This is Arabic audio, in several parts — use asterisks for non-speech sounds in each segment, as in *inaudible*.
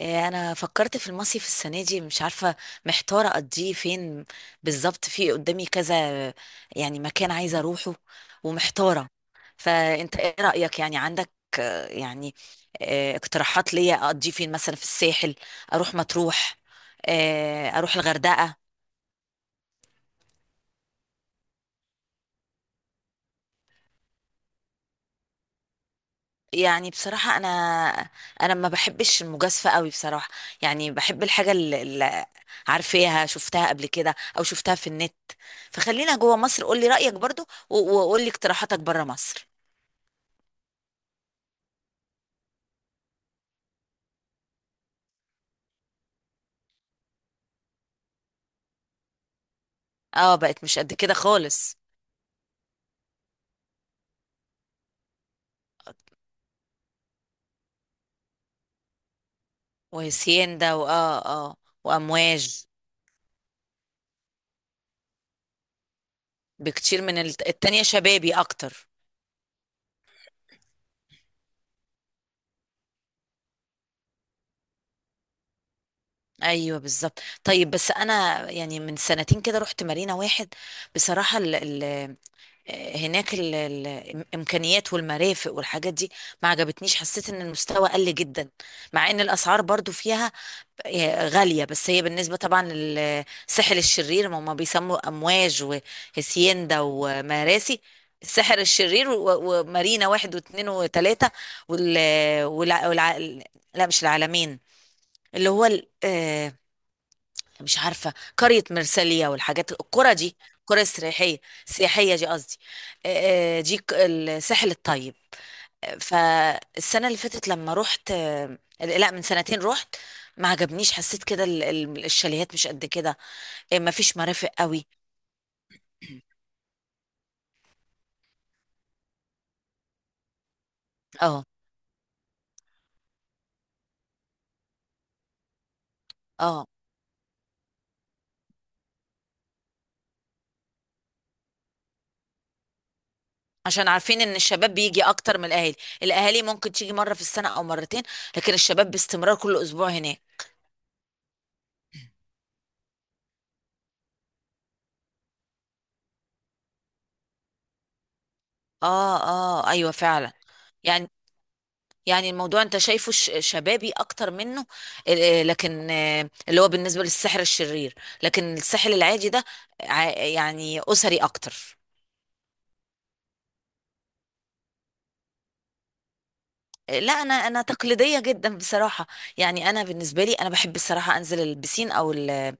إيه، انا فكرت في المصيف السنه دي، مش عارفه محتاره اقضيه فين بالظبط، في قدامي كذا يعني مكان عايزه اروحه ومحتاره. فانت ايه رايك؟ يعني عندك آه، يعني اقتراحات ليا اقضيه فين؟ مثلا في الساحل، اروح مطروح، اروح الغردقه. يعني بصراحه انا ما بحبش المجازفه قوي بصراحه. يعني بحب الحاجه عارفاها، شفتها قبل كده او شفتها في النت. فخلينا جوه مصر، قولي رأيك برضو، وقولي اقتراحاتك بره مصر. اه، بقت مش قد كده خالص. وهسيان ده واه اه آه، وامواج بكتير من التانية، شبابي اكتر. ايوه بالظبط. طيب بس انا يعني من سنتين كده رحت مارينا واحد. بصراحه ال ال هناك ال ال الامكانيات والمرافق والحاجات دي ما عجبتنيش، حسيت ان المستوى قل جدا، مع ان الاسعار برضو فيها غالية. بس هي بالنسبة طبعا للسحر الشرير، ما هما بيسموا أمواج وهسيندا ومراسي، السحر الشرير ومارينا واحد واثنين وثلاثة وال والع... والع... لا مش العالمين، اللي هو ال... آه، مش عارفة قرية مرسالية والحاجات القرى دي، القرى السياحية، السياحية دي قصدي. دي الساحل الطيب. فالسنة اللي فاتت لما رحت، لا من سنتين رحت، ما عجبنيش، حسيت كده الشاليهات مش قد كده. إيه، ما فيش مرافق قوي. اه اه، عشان عارفين ان الشباب بيجي اكتر من الاهالي. الاهالي ممكن تيجي مرة في السنة او مرتين، لكن الشباب باستمرار كل اسبوع هناك. اه اه ايوه فعلا. يعني الموضوع انت شايفه شبابي اكتر منه. لكن اللي هو بالنسبة للسحر الشرير، لكن السحر العادي ده يعني اسري اكتر. لا انا تقليديه جدا بصراحه. يعني انا بالنسبه لي، انا بحب الصراحه انزل البسين او ال-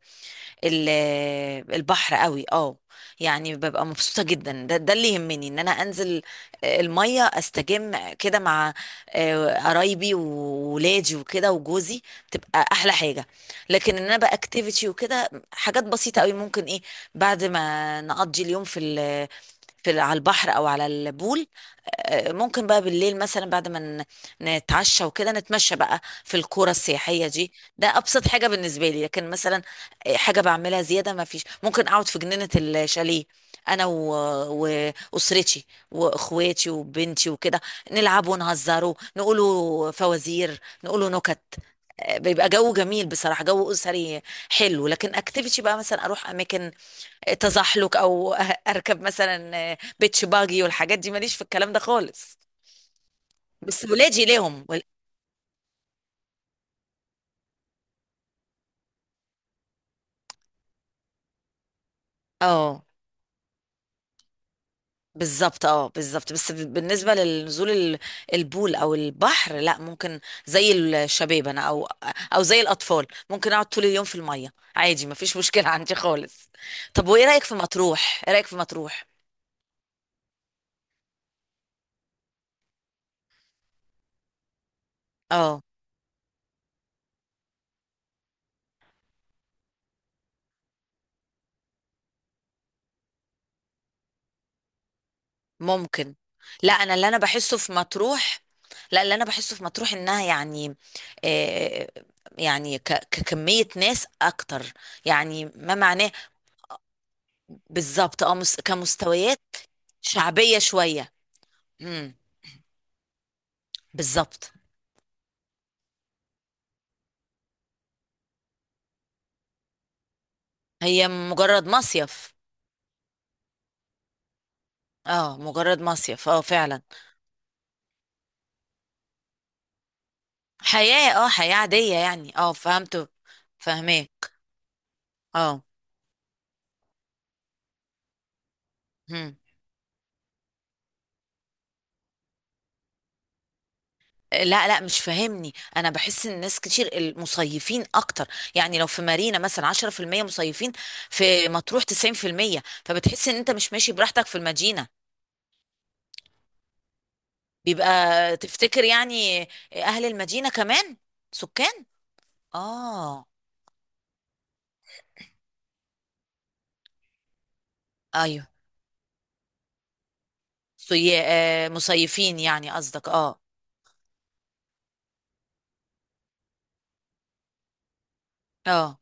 البحر قوي، اه. يعني ببقى مبسوطة جدا، ده اللي يهمني، ان انا انزل المية استجم كده مع قرايبي وولادي وكده وجوزي، بتبقى احلى حاجة. لكن ان انا بقى اكتيفيتي وكده، حاجات بسيطة قوي، ممكن ايه بعد ما نقضي اليوم على البحر او على البول، ممكن بقى بالليل مثلا بعد ما نتعشى وكده، نتمشى بقى في القرى السياحية دي، ده ابسط حاجة بالنسبة لي. لكن مثلا حاجه بعملها زياده ما فيش، ممكن اقعد في جنينه الشاليه انا و... واسرتي واخواتي وبنتي وكده، نلعب ونهزروا، نقولوا فوازير، نقولوا نكت. بيبقى جو جميل بصراحه، جو اسري حلو. لكن اكتيفيتي بقى، مثلا اروح اماكن تزحلق او *laughs* اركب مثلا بيتش باجي والحاجات دي، ماليش في الكلام ده خالص، بس ولادي ليهم اه. بالظبط اه بالظبط، بس بالنسبه للنزول البول او البحر، لا ممكن زي الشباب انا، او زي الاطفال، ممكن اقعد طول اليوم في الميه عادي، ما فيش مشكله *laughs* عندي خالص. طب وايه رايك في مطروح؟ ايه رايك في مطروح؟ اه ممكن. لا انا اللي انا بحسه في مطروح، لا اللي انا بحسه في مطروح، انها يعني آه يعني ككميه ناس اكتر، يعني ما معناه. بالظبط اه، كمستويات شعبيه شويه. بالظبط. هي مجرد مصيف. اه مجرد مصيف. اه فعلا. حياة عادية يعني، اه فهمته. فهماك اه. هم. لا لا، مش فاهمني، انا بحس ان الناس كتير، المصيفين اكتر، يعني لو في مارينا مثلا 10% مصيفين، في مطروح 90%، فبتحس ان انت مش ماشي براحتك في المدينة، بيبقى تفتكر يعني اهل المدينة كمان سكان. اه ايوه، سي... آه، مصيفين يعني قصدك، اه اه،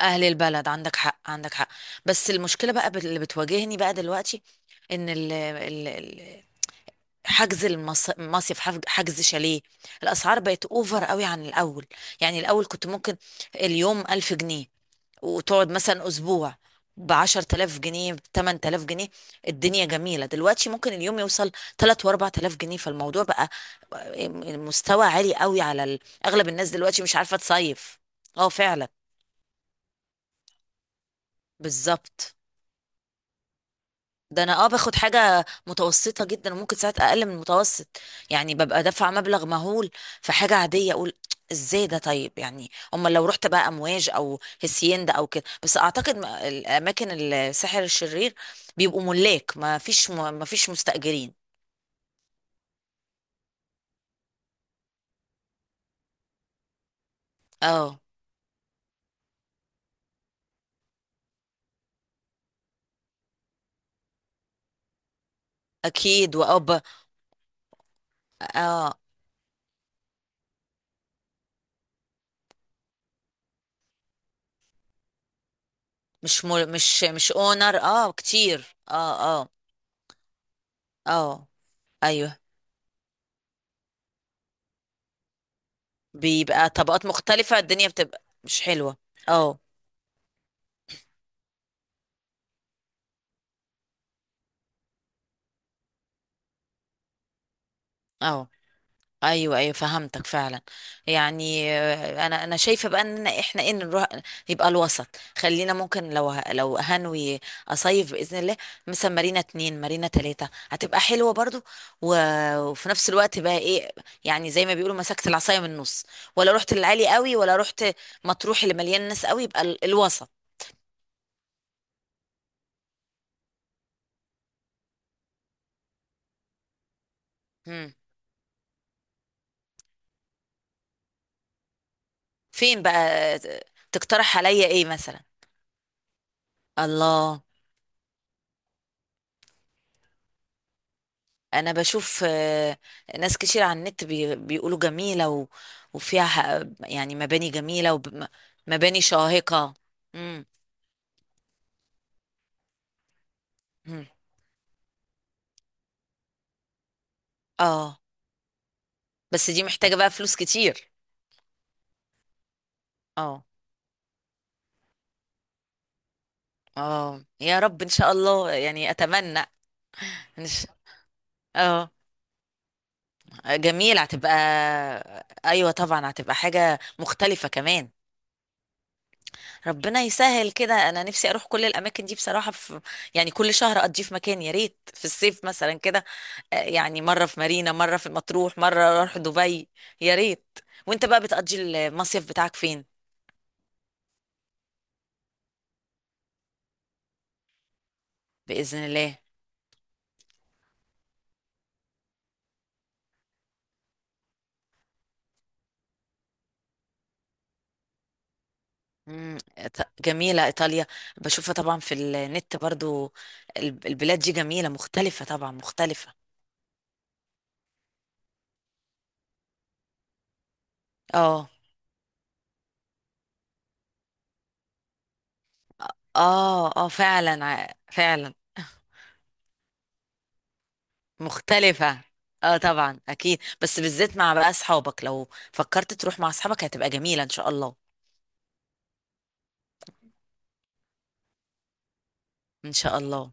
اهل البلد، عندك حق عندك حق. بس المشكله بقى اللي بتواجهني بقى دلوقتي، ان حجز المصيف، حجز شاليه، الاسعار بقت اوفر قوي عن الاول. يعني الاول كنت ممكن اليوم 1000 جنيه، وتقعد مثلا اسبوع ب 10,000 جنيه، ب 8000 جنيه، الدنيا جميله. دلوقتي ممكن اليوم يوصل 3 و 4000 جنيه، فالموضوع بقى مستوى عالي قوي على اغلب الناس دلوقتي مش عارفه تصيف. اه فعلا بالظبط. ده انا باخد حاجه متوسطه جدا، وممكن ساعات اقل من المتوسط. يعني ببقى دافعه مبلغ مهول في حاجه عاديه، اقول ازاي ده. طيب يعني امال لو رحت بقى امواج او هسيندا او كده؟ بس اعتقد الاماكن السحر الشرير بيبقوا ملاك، ما فيش ما فيش مستاجرين. اه اكيد. واب اه، مش مل... مش مش اونر، اه كتير اه اه اه ايوه، بيبقى طبقات مختلفه الدنيا بتبقى مش حلوه. اه اه ايوه ايوه، فهمتك فعلا. يعني انا شايفه بقى ان احنا ايه نروح، يبقى الوسط. خلينا ممكن لو هنوي اصيف باذن الله، مثلا مارينا اتنين، مارينا تلاته، هتبقى حلوه برضو. وفي نفس الوقت بقى ايه، يعني زي ما بيقولوا، مسكت العصايه من النص، ولا رحت للعالي قوي، ولا رحت مطروح اللي مليان ناس قوي، يبقى الوسط. مم. فين بقى؟ آه، تقترح عليا ايه مثلا؟ الله. انا بشوف ناس كتير على النت بيقولوا جميلة، وفيها يعني مباني جميلة ومباني شاهقة. امم. أمم. اه بس دي محتاجة بقى فلوس كتير. اه اه، يا رب، ان شاء الله، يعني اتمنى. إن ش- اه جميل. هتبقى ايوه طبعا هتبقى حاجة مختلفة كمان. ربنا يسهل كده، انا نفسي اروح كل الاماكن دي بصراحه، في يعني كل شهر اقضيه في مكان، يا ريت في الصيف مثلا كده، يعني مره في مارينا، مره في مطروح، مره اروح دبي، يا ريت. وانت بقى بتقضي المصيف بتاعك فين؟ باذن الله. جميله ايطاليا، بشوفها طبعا في النت برضو. البلاد دي جميله مختلفه، طبعا مختلفه. اه اه اه فعلا فعلا مختلفة. اه طبعا اكيد، بس بالذات مع بقى اصحابك، لو فكرت تروح مع اصحابك هتبقى جميلة ان شاء الله. ان شاء الله.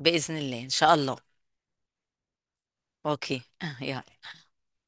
بإذن الله ان شاء الله. اوكي *laughs* يلا.